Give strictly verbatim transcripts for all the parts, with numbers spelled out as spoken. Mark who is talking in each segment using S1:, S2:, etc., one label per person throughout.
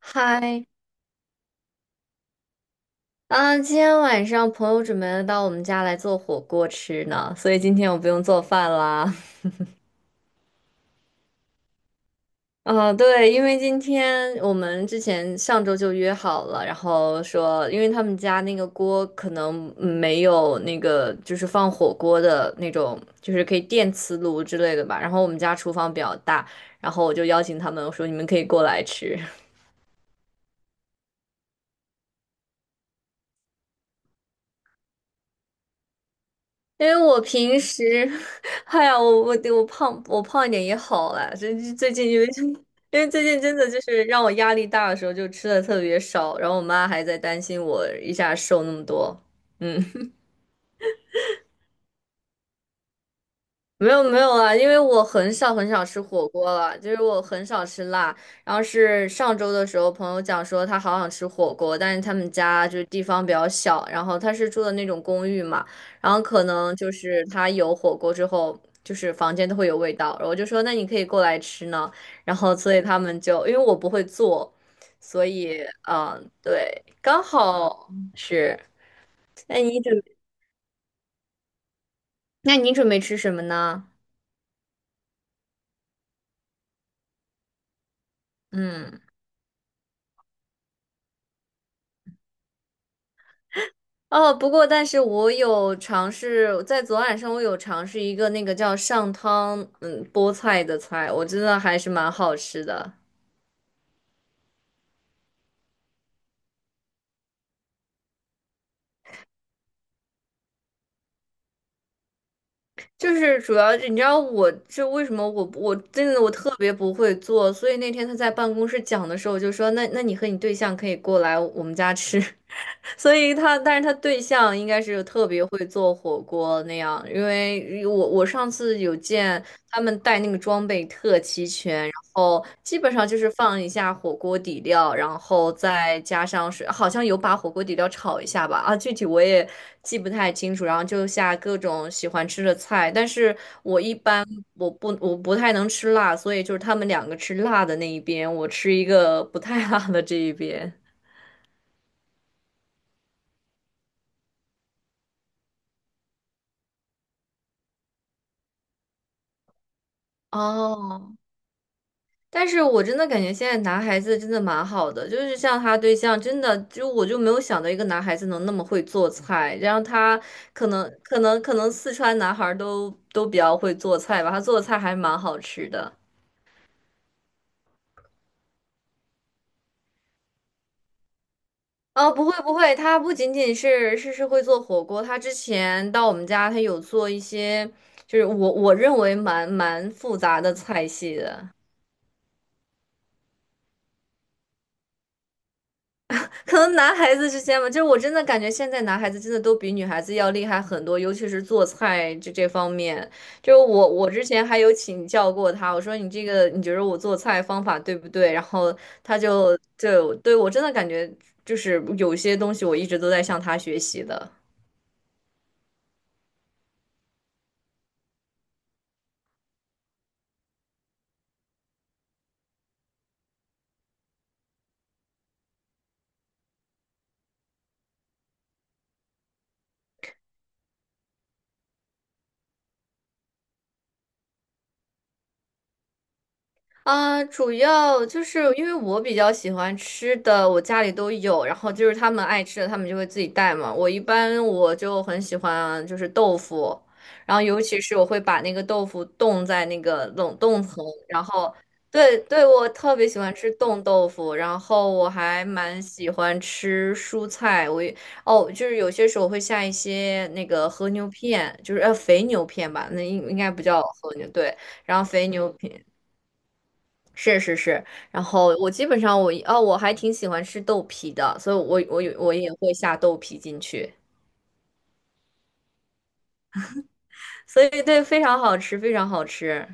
S1: 嗨。啊，今天晚上朋友准备到我们家来做火锅吃呢，所以今天我不用做饭啦。啊，对，因为今天我们之前上周就约好了，然后说，因为他们家那个锅可能嗯没有那个就是放火锅的那种，就是可以电磁炉之类的吧。然后我们家厨房比较大，然后我就邀请他们，我说你们可以过来吃。因为我平时，哎呀，我我我胖我胖一点也好啦。最最近因为 因为最近真的就是让我压力大的时候，就吃的特别少，然后我妈还在担心我一下瘦那么多。嗯，没有没有啊，因为我很少很少吃火锅了，就是我很少吃辣。然后是上周的时候，朋友讲说他好想吃火锅，但是他们家就是地方比较小，然后他是住的那种公寓嘛，然后可能就是他有火锅之后，就是房间都会有味道。然后我就说那你可以过来吃呢，然后所以他们就因为我不会做，所以嗯对，刚好是。那你准那你准备吃什么呢？嗯。哦，不过但是我有尝试在昨晚上，我有尝试一个那个叫上汤，嗯，菠菜的菜，我真的还是蛮好吃的。就是主要是你知道我这为什么我我真的我特别不会做，所以那天他在办公室讲的时候，我就说那那你和你对象可以过来我们家吃。所以他，但是他对象应该是特别会做火锅那样，因为我我上次有见他们带那个装备特齐全，然后基本上就是放一下火锅底料，然后再加上水，好像有把火锅底料炒一下吧，啊，具体我也记不太清楚，然后就下各种喜欢吃的菜，但是我一般我不我不太能吃辣，所以就是他们两个吃辣的那一边，我吃一个不太辣的这一边。哦，但是我真的感觉现在男孩子真的蛮好的，就是像他对象，真的就我就没有想到一个男孩子能那么会做菜，然后他可能可能可能四川男孩儿都都比较会做菜吧，他做的菜还蛮好吃的。哦，不会不会，他不仅仅是是是会做火锅，他之前到我们家，他有做一些就是我我认为蛮蛮复杂的菜系的。可能男孩子之间吧，就是我真的感觉现在男孩子真的都比女孩子要厉害很多，尤其是做菜这这方面。就是我我之前还有请教过他，我说你这个你觉得我做菜方法对不对？然后他就就对我真的感觉就是有些东西我一直都在向他学习的。啊，主要就是因为我比较喜欢吃的，我家里都有，然后就是他们爱吃的，他们就会自己带嘛。我一般我就很喜欢就是豆腐，然后尤其是我会把那个豆腐冻在那个冷冻层，然后对对，我特别喜欢吃冻豆腐，然后我还蛮喜欢吃蔬菜，我也哦，就是有些时候会下一些那个和牛片，就是呃肥牛片吧，那应应该不叫和牛，对。然后肥牛片。是是是，然后我基本上我哦，我还挺喜欢吃豆皮的，所以我我有我也会下豆皮进去，所以对，非常好吃，非常好吃。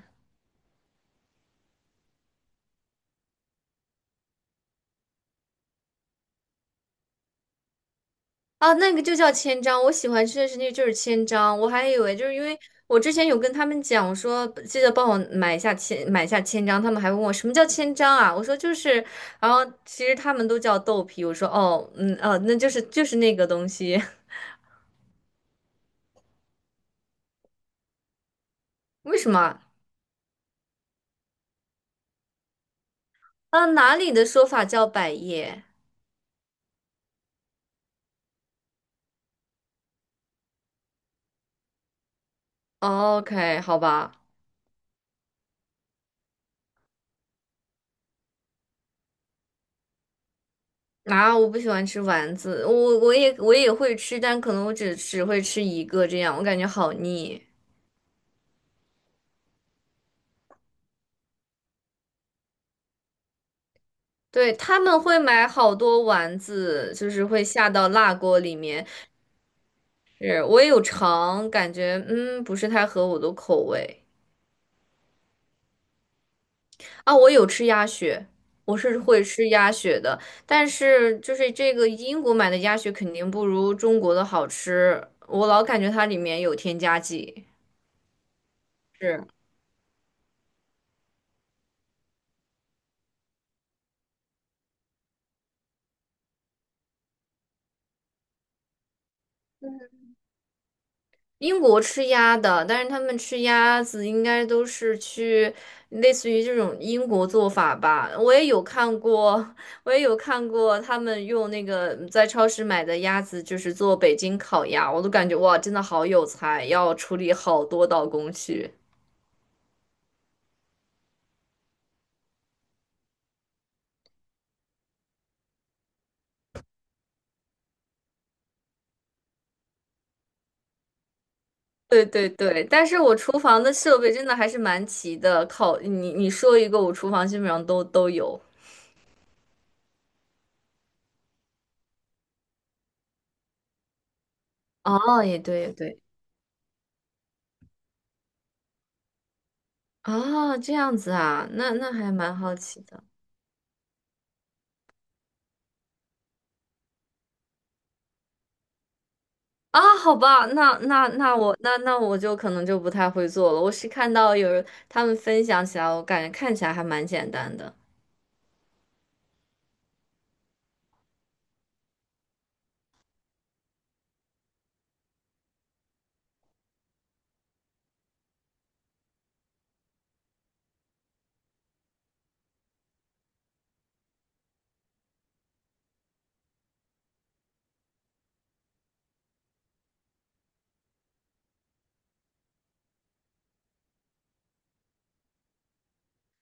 S1: 啊！那个就叫千张，我喜欢吃的是那个就是千张，我还以为就是因为我之前有跟他们讲，我说记得帮我买一下千买下千张，他们还问我什么叫千张啊？我说就是，然后其实他们都叫豆皮，我说哦，嗯，哦，那就是就是那个东西，为什么啊，啊哪里的说法叫百叶哦？OK,好吧。啊，我不喜欢吃丸子，我我也我也会吃，但可能我只只会吃一个这样，我感觉好腻。对，他们会买好多丸子，就是会下到辣锅里面。是，我也有尝，感觉嗯不是太合我的口味啊。我有吃鸭血，我是会吃鸭血的，但是就是这个英国买的鸭血肯定不如中国的好吃，我老感觉它里面有添加剂。是。英国吃鸭的，但是他们吃鸭子应该都是去类似于这种英国做法吧。我也有看过，我也有看过他们用那个在超市买的鸭子，就是做北京烤鸭，我都感觉哇，真的好有才，要处理好多道工序。对对对，但是我厨房的设备真的还是蛮齐的，烤你你说一个，我厨房基本上都都有。哦，也对也对，哦，这样子啊，那那还蛮好奇的。啊，好吧，那那那我那那我就可能就不太会做了。我是看到有人他们分享起来，我感觉看起来还蛮简单的。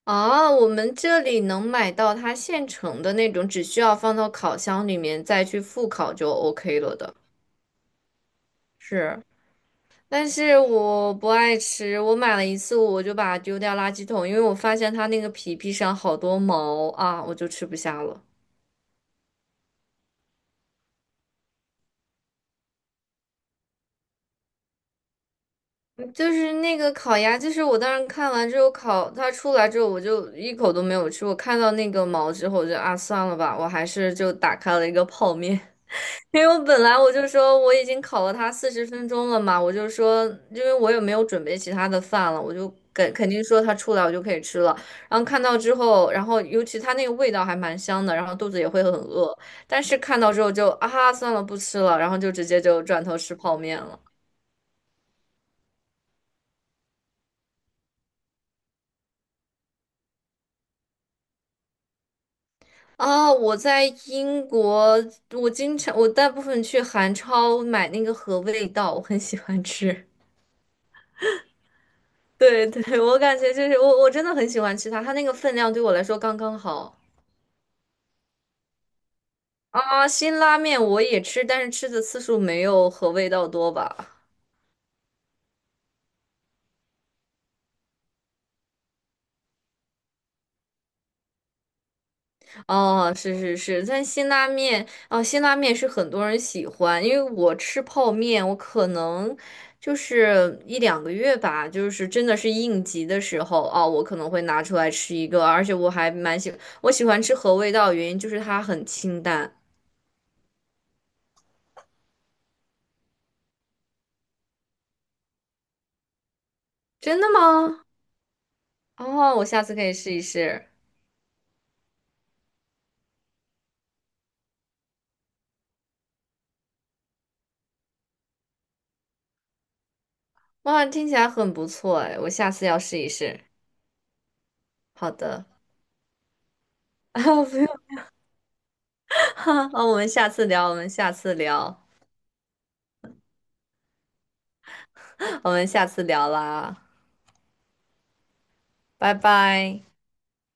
S1: 啊。我们这里能买到它现成的那种，只需要放到烤箱里面再去复烤就 OK 了的。是，但是我不爱吃，我买了一次我就把它丢掉垃圾桶，因为我发现它那个皮皮上好多毛啊，我就吃不下了。就是那个烤鸭，就是我当时看完之后烤，它出来之后我就一口都没有吃。我看到那个毛之后，我就啊算了吧，我还是就打开了一个泡面，因为我本来我就说我已经烤了它四十分钟了嘛，我就说因为我也没有准备其他的饭了，我就肯肯定说它出来我就可以吃了。然后看到之后，然后尤其它那个味道还蛮香的，然后肚子也会很饿，但是看到之后就啊算了不吃了，然后就直接就转头吃泡面了。啊，我在英国，我经常我大部分去韩超买那个和味道，我很喜欢吃。对对，我感觉就是我我真的很喜欢吃它，它那个分量对我来说刚刚好。啊，辛拉面我也吃，但是吃的次数没有和味道多吧。哦，是是是，但辛拉面哦，辛拉面是很多人喜欢，因为我吃泡面，我可能就是一两个月吧，就是真的是应急的时候哦，我可能会拿出来吃一个，而且我还蛮喜，我喜欢吃合味道的原因就是它很清淡。真的吗？哦，我下次可以试一试。哇，听起来很不错哎，我下次要试一试。好的，啊，不用，啊我们下次聊，我们下次聊，我们下次聊啦。拜拜。